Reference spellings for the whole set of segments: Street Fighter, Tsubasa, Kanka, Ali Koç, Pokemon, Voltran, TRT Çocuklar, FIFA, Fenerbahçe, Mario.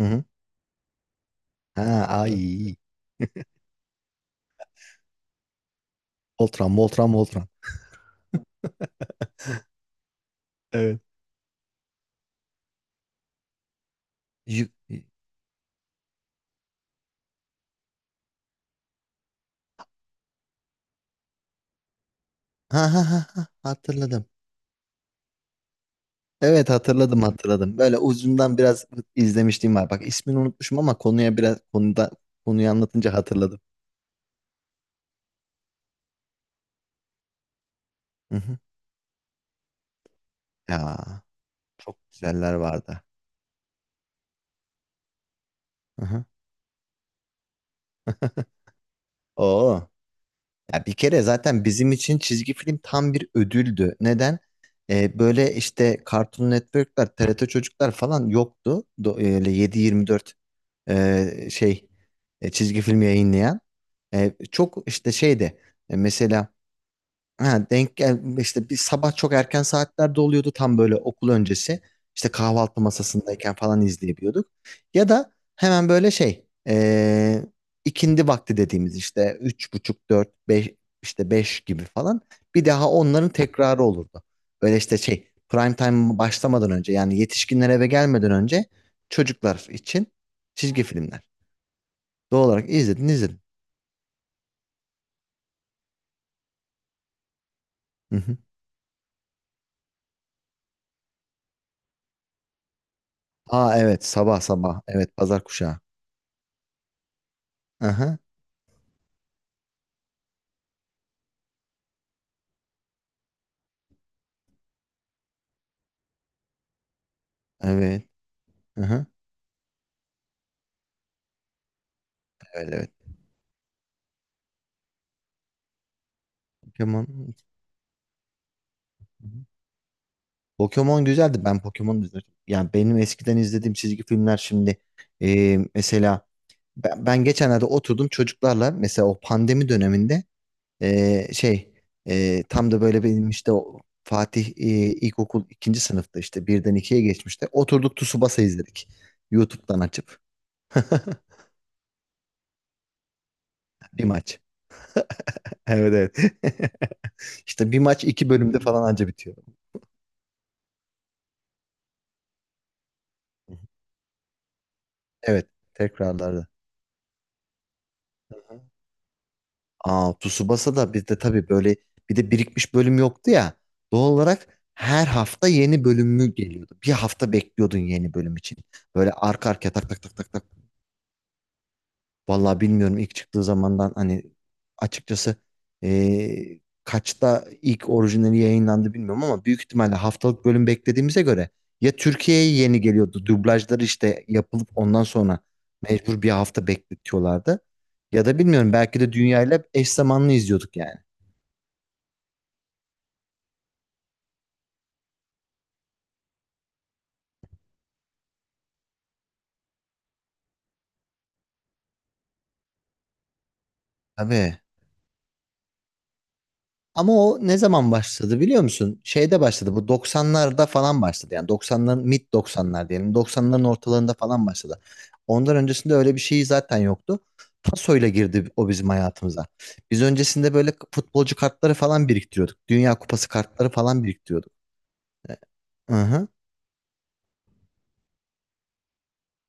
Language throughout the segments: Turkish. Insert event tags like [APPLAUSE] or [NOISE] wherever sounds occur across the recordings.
Hı hı. Ha, evet. Ay. Voltran, Voltran, Voltran. Evet. Yü- Ha ha ha ha, hatırladım. Evet, hatırladım hatırladım. Böyle uzundan biraz izlemişliğim var. Bak, ismini unutmuşum ama konuya biraz konuda konuyu anlatınca hatırladım. Hı hı. Ya çok güzeller vardı. Hı hı. Oo. Ya bir kere zaten bizim için çizgi film tam bir ödüldü. Neden? Böyle işte Cartoon Network'ler, TRT Çocuklar falan yoktu. Öyle 7-24 şey çizgi film yayınlayan. Çok işte şeyde mesela, ha, denk gel işte bir sabah çok erken saatlerde oluyordu, tam böyle okul öncesi. İşte kahvaltı masasındayken falan izleyebiliyorduk. Ya da hemen böyle şey, ikindi vakti dediğimiz, işte üç buçuk dört beş, işte beş gibi falan bir daha onların tekrarı olurdu. Böyle işte şey prime time başlamadan önce, yani yetişkinler eve gelmeden önce çocuklar için çizgi filmler. Doğal olarak izledin izledin. Hı hı. Aa, evet, sabah sabah. Evet, pazar kuşağı. Aha, evet. Aha, evet evet. Pokemon. Hı hı. Pokemon güzeldi. Ben Pokemon izledim. Yani benim eskiden izlediğim çizgi filmler şimdi, mesela ben geçenlerde oturdum çocuklarla, mesela o pandemi döneminde, şey, tam da böyle benim işte o Fatih, ilkokul ikinci sınıfta, işte birden ikiye geçmişte oturduk, Tsubasa izledik. YouTube'dan açıp [LAUGHS] bir maç. Evet evet. [LAUGHS] İşte bir maç iki bölümde falan anca bitiyor. Evet, tekrarlarda. Aa, Tsubasa da bizde tabii böyle bir de birikmiş bölüm yoktu ya. Doğal olarak her hafta yeni bölümü geliyordu. Bir hafta bekliyordun yeni bölüm için. Böyle arka arkaya tak tak tak tak tak. Vallahi bilmiyorum ilk çıktığı zamandan, hani, açıkçası, kaçta ilk orijinali yayınlandı bilmiyorum ama büyük ihtimalle haftalık bölüm beklediğimize göre ya Türkiye'ye yeni geliyordu, dublajları işte yapılıp ondan sonra mecbur bir hafta bekletiyorlardı, ya da bilmiyorum, belki de dünyayla eş zamanlı izliyorduk yani. Tabii. Ama o ne zaman başladı biliyor musun? Şeyde başladı Bu 90'larda falan başladı. Yani 90'ların, mid 90'lar diyelim. 90'ların ortalarında falan başladı. Ondan öncesinde öyle bir şey zaten yoktu. Pasoyla girdi o bizim hayatımıza. Biz öncesinde böyle futbolcu kartları falan biriktiriyorduk. Dünya Kupası kartları falan biriktiriyorduk. Hı hı.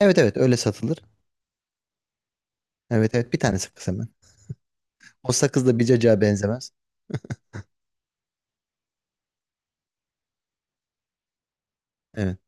Evet evet, öyle satılır. Evet evet, bir tane sakız hemen. O sakız da bir cacığa benzemez. Evet.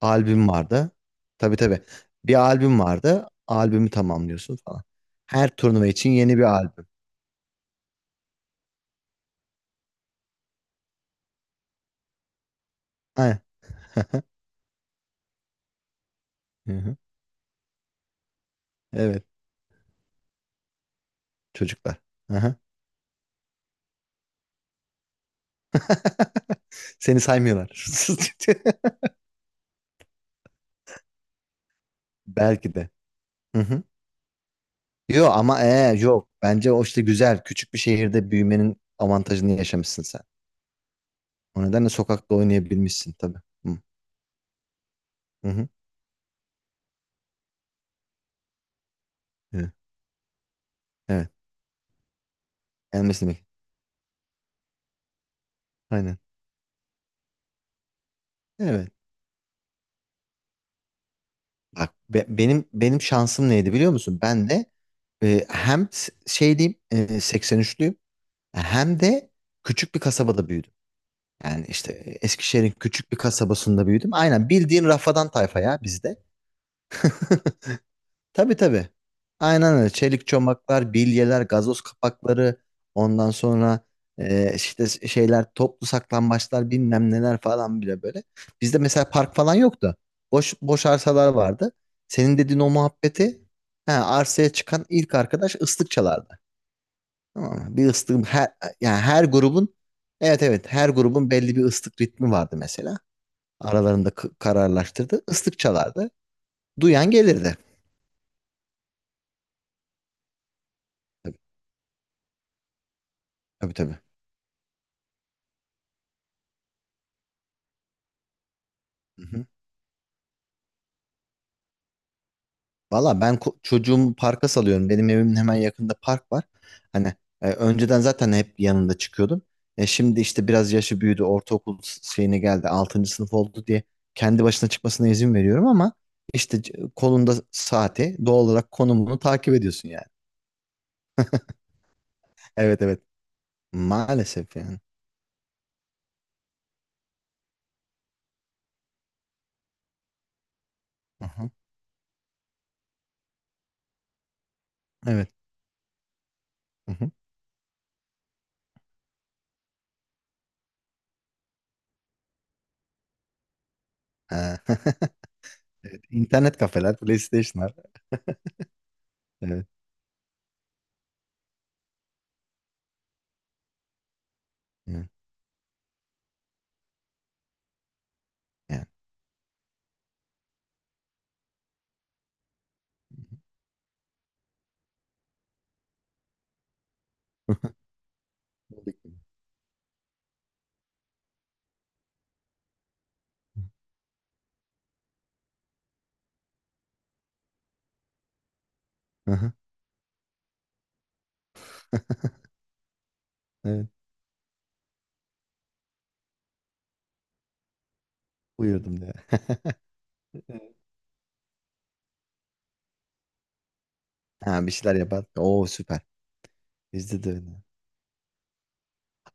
Albüm vardı. Tabii tabii. Bir albüm vardı. Albümü tamamlıyorsun falan. Her turnuva için yeni bir albüm. Aynen. [LAUGHS] Hı hı. Evet. Çocuklar. Hı. [LAUGHS] Seni saymıyorlar. [LAUGHS] Belki de. Hı hı. Yo ama, yok. Bence o işte güzel. Küçük bir şehirde büyümenin avantajını yaşamışsın sen. O nedenle sokakta oynayabilmişsin tabii. Hı hı, hı. Evet. Evet. Gelmesini bek- Aynen. Evet. Bak, benim şansım neydi biliyor musun? Ben de, hem şey diyeyim, 83'lüyüm, hem de küçük bir kasabada büyüdüm. Yani işte, Eskişehir'in küçük bir kasabasında büyüdüm. Aynen, bildiğin rafadan tayfa ya bizde. [LAUGHS] Tabii tabii. Aynen öyle. Çelik çomaklar, bilyeler, gazoz kapakları, ondan sonra, işte şeyler, toplu saklambaçlar, bilmem neler falan bile böyle. Bizde mesela park falan yoktu. Boş boş arsalar vardı. Senin dediğin o muhabbeti, he, arsaya çıkan ilk arkadaş ıslık çalardı. Tamam mı? Bir ıslığım her yani her grubun evet evet, her grubun belli bir ıslık ritmi vardı mesela. Aralarında kararlaştırdı. Islık çalardı. Duyan gelirdi. Tabii tabii, tabii. Valla, ben çocuğumu parka salıyorum. Benim evimin hemen yakında park var. Hani, önceden zaten hep yanında çıkıyordum. Şimdi işte biraz yaşı büyüdü. Ortaokul şeyine geldi. Altıncı sınıf oldu diye kendi başına çıkmasına izin veriyorum ama işte kolunda saati, doğal olarak konumunu takip ediyorsun yani. Evet evet. Maalesef yani. Aha, evet. Hı hı. [LAUGHS] Evet. İnternet kafeler, PlayStation'lar. Evet. Evet. Yani. [LAUGHS] Hı. Evet. Buyurdum diye. [LAUGHS] Evet. Ha, bir şeyler yapar. Oo, süper. Bizde de öyle.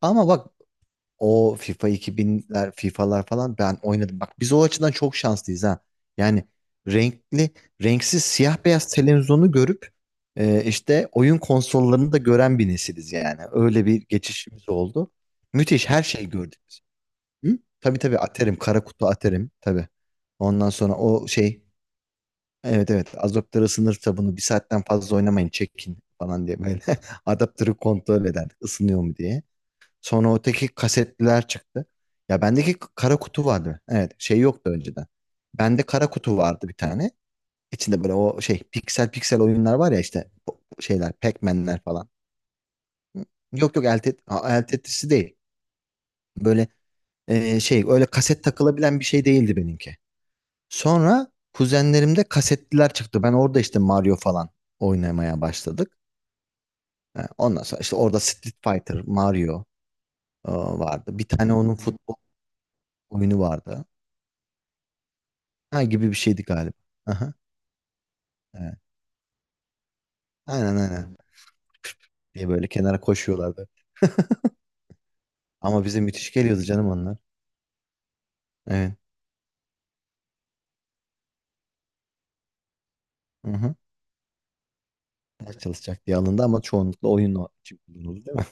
Ama bak, o FIFA 2000'ler, FIFA'lar falan ben oynadım. Bak biz o açıdan çok şanslıyız ha. Yani renkli, renksiz, siyah beyaz televizyonu görüp, işte oyun konsollarını da gören bir nesiliz yani. Öyle bir geçişimiz oldu. Müthiş her şeyi gördük biz. Hı? Tabii tabii, Aterim, kara kutu atarım tabii. Ondan sonra o şey. Evet evet, adaptörü ısınır, kitabını bir saatten fazla oynamayın çekin falan diye, böyle [LAUGHS] adaptörü kontrol ederdik, ısınıyor mu diye. Sonra öteki kasetliler çıktı. Ya bendeki kara kutu vardı. Evet, şey yoktu önceden. Bende kara kutu vardı bir tane. İçinde böyle o şey piksel piksel oyunlar var ya, işte o şeyler, Pac-Man'ler falan. Yok yok, el Tetris'i değil. Böyle, şey, öyle kaset takılabilen bir şey değildi benimki. Sonra kuzenlerimde kasetliler çıktı. Ben orada işte Mario falan oynamaya başladık. Ha, ondan sonra işte orada Street Fighter, Mario, vardı. Bir tane onun futbol oyunu vardı. Ha gibi bir şeydi galiba. Aha, evet. Aynen aynen. Diye böyle kenara koşuyorlardı. Ama bize müthiş geliyordu canım onlar. Evet. Hı-hı. Ders çalışacak diye alındı ama çoğunlukla oyun için kullanıldı değil mi?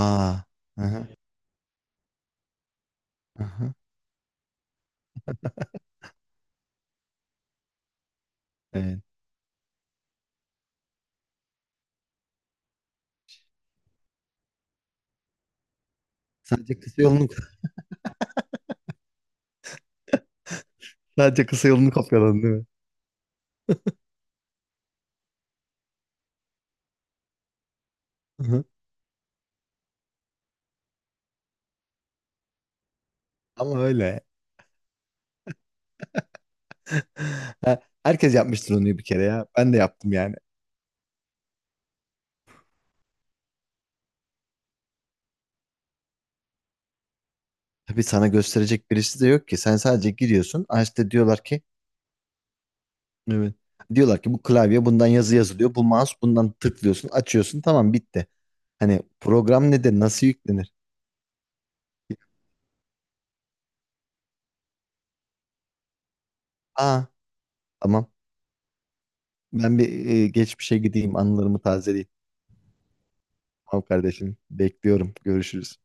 Aa. Aha, aha, evet. Sadece kısa yolunu, [LAUGHS] sadece kısa yolunu kopyaladın değil mi? Hı hı. Ama öyle. Ha, herkes yapmıştır onu bir kere ya. Ben de yaptım yani. Tabii, sana gösterecek birisi de yok ki. Sen sadece giriyorsun. Ha, işte diyorlar ki evet. Diyorlar ki bu klavye, bundan yazı yazılıyor. Bu mouse, bundan tıklıyorsun, açıyorsun. Tamam, bitti. Hani program ne de nasıl yüklenir? Aa, tamam. Ben bir, geçmişe gideyim, anılarımı tazeleyeyim. Tamam kardeşim. Bekliyorum. Görüşürüz.